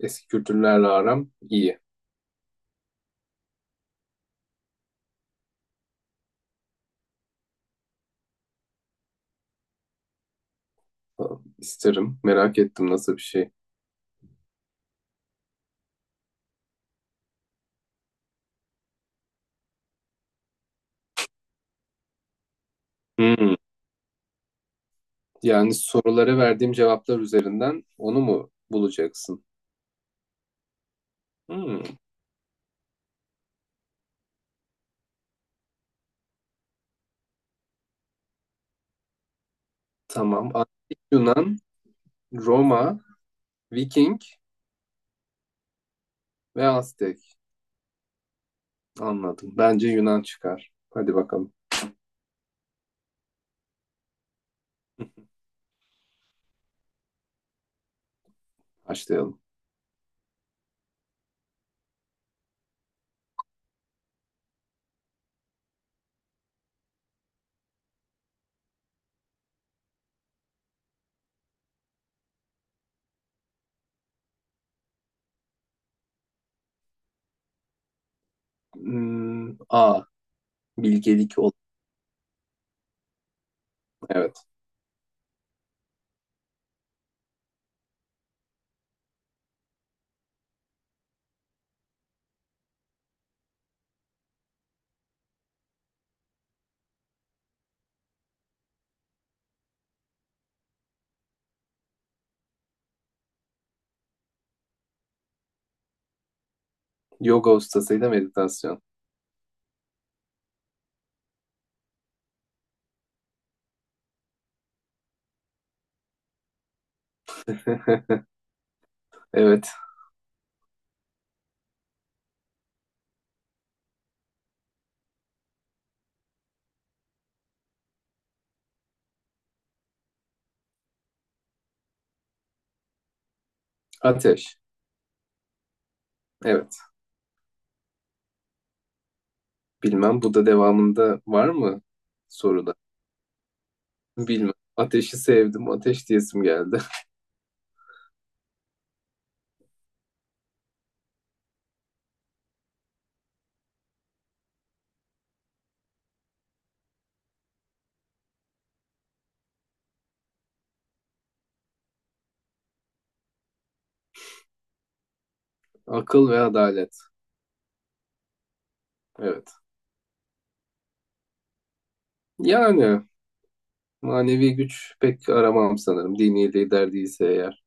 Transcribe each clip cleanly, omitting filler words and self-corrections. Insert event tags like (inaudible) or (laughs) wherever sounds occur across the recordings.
Eski kültürlerle aram iyi. Falan. İsterim. Merak ettim nasıl bir şey. Hmm. Yani sorulara verdiğim cevaplar üzerinden onu mu bulacaksın? Hmm. Tamam. Antik Yunan, Roma, Viking ve Aztek. Anladım. Bence Yunan çıkar. Hadi bakalım. Başlayalım. Hmm. A. Bilgelik ol. Evet. Yoga ustasıyla meditasyon. (laughs) Evet. Ateş. Evet. Bilmem bu da devamında var mı soruda? Bilmem. Ateşi sevdim. Ateş diyesim geldi. (laughs) Akıl ve adalet. Evet. Yani manevi güç pek aramam sanırım. Dini lider değilse eğer.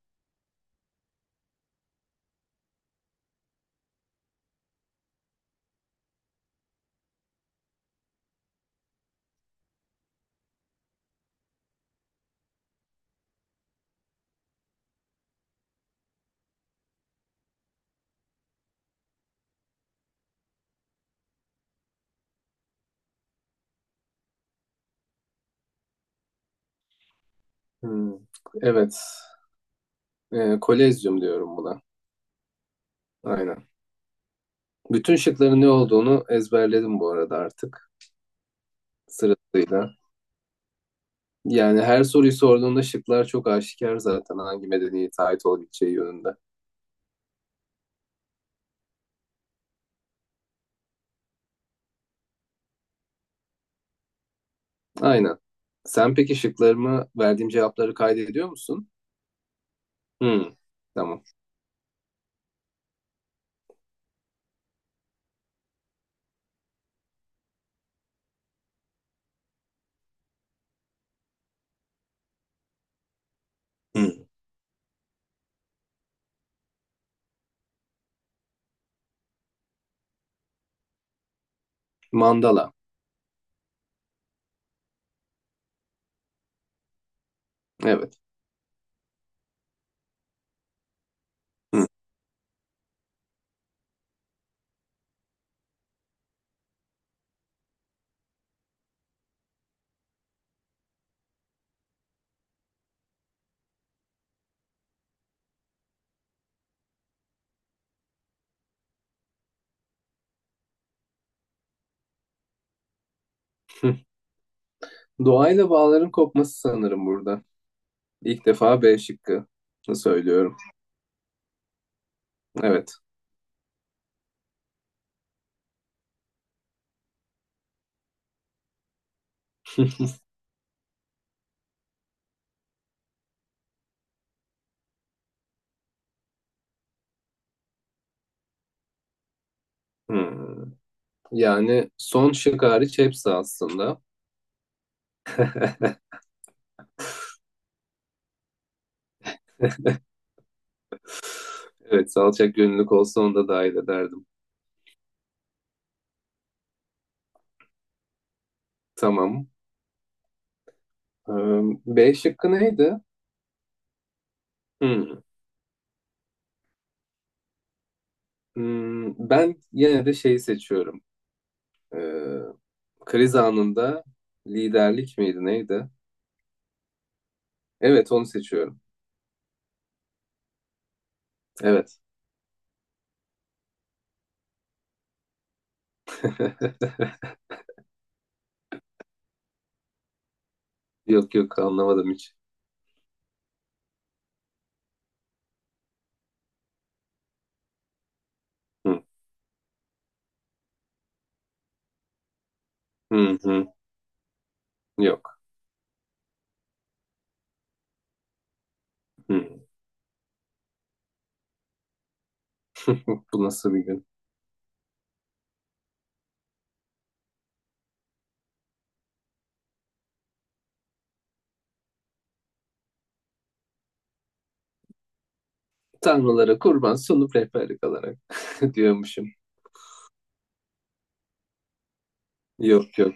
Hmm. Evet. Kolezyum diyorum buna. Aynen. Bütün şıkların ne olduğunu ezberledim bu arada artık. Sırasıyla. Yani her soruyu sorduğunda şıklar çok aşikar zaten hangi medeniyete ait olabileceği yönünde. Aynen. Sen peki şıklarımı verdiğim cevapları kaydediyor musun? Hmm, tamam. Hı, Mandala. Evet. Hı. (laughs) Doğayla bağların kopması sanırım burada. İlk defa B şıkkı söylüyorum. Evet. Hmm. Yani son şık hariç hepsi aslında. Evet, salçak gönüllük olsa onu da dahil ederdim. Tamam. Ee, B şıkkı neydi? Hmm. Ben yine de şeyi seçiyorum. Ee, kriz anında liderlik miydi neydi? Evet onu seçiyorum. Evet. (laughs) Yok yok anlamadım hiç. Hı, hı, hı. Yok. Hı. (laughs) Bu nasıl bir gün? Tanrılara kurban sunup rehberlik alarak (laughs) diyormuşum. Yok yok.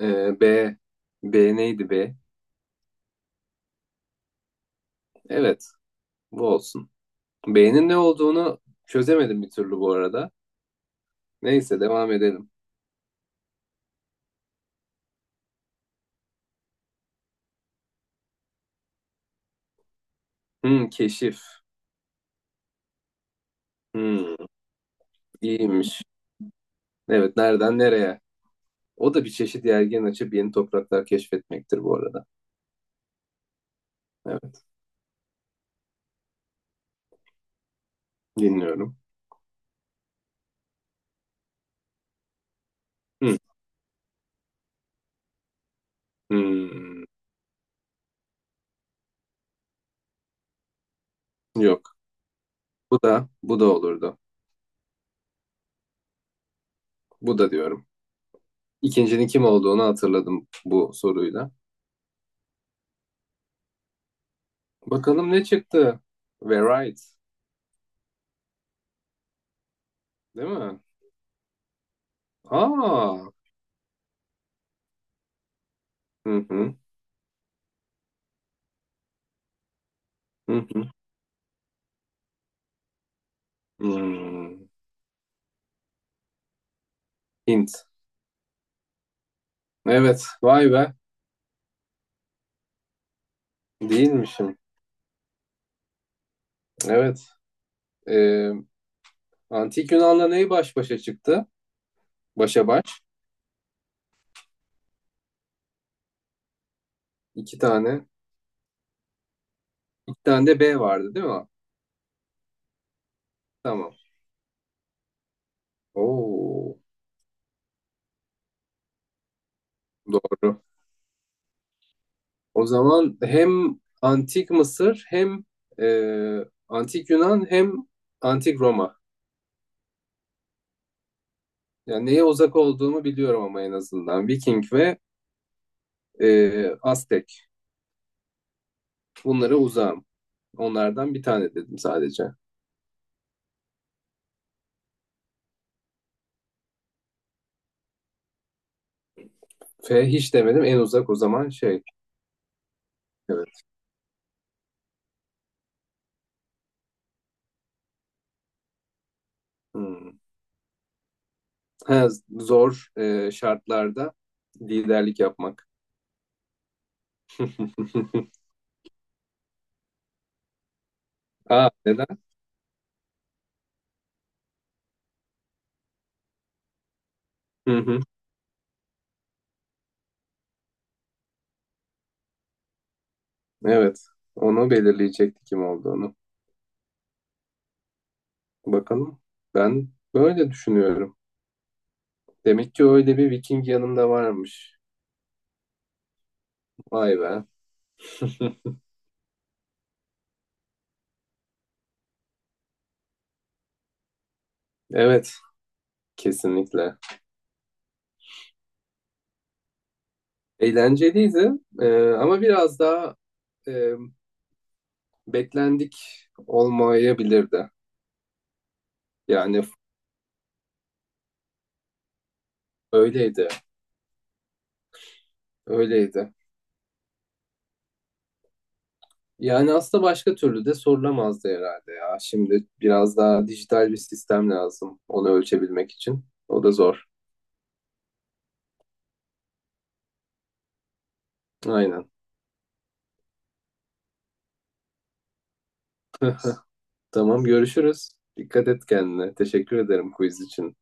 B. B neydi B? Evet bu olsun. B'nin ne olduğunu çözemedim bir türlü bu arada. Neyse devam edelim. Hı, keşif. Hı, iyiymiş. Evet, nereden nereye? O da bir çeşit yelken açıp yeni topraklar keşfetmektir bu arada. Evet, dinliyorum. Hı, hmm, Yok. Bu da bu da olurdu. Bu da diyorum. İkincinin kim olduğunu hatırladım bu soruyla. Bakalım ne çıktı? Ve right, değil mi? Aa. Hı hı. Hı hı. Hmm. Hint. Evet, vay be. Değilmişim. Evet. Ee, Antik Yunan'la neyi baş başa çıktı? Başa baş. İki tane. İki tane de B vardı değil mi? Tamam. Oo, doğru. O zaman hem Antik Mısır hem e, Antik Yunan hem Antik Roma. Yani neye uzak olduğumu biliyorum ama en azından. Viking ve Aztek. Bunlara uzağım. Onlardan bir tane dedim sadece. F hiç demedim. En uzak o zaman şey. Evet. Hmm. Ha, zor şartlarda liderlik yapmak. (laughs) Aa neden? (laughs) Evet, onu belirleyecekti kim olduğunu. Bakalım. Ben böyle düşünüyorum. Demek ki öyle bir Viking yanımda varmış. Vay be. (laughs) Evet, kesinlikle. Eğlenceliydi, ama biraz daha e, beklendik olmayabilirdi. Yani öyleydi, öyleydi. Yani aslında başka türlü de sorulamazdı herhalde ya. Şimdi biraz daha dijital bir sistem lazım onu ölçebilmek için. O da zor. Aynen. (laughs) Tamam görüşürüz. Dikkat et kendine. Teşekkür ederim quiz için.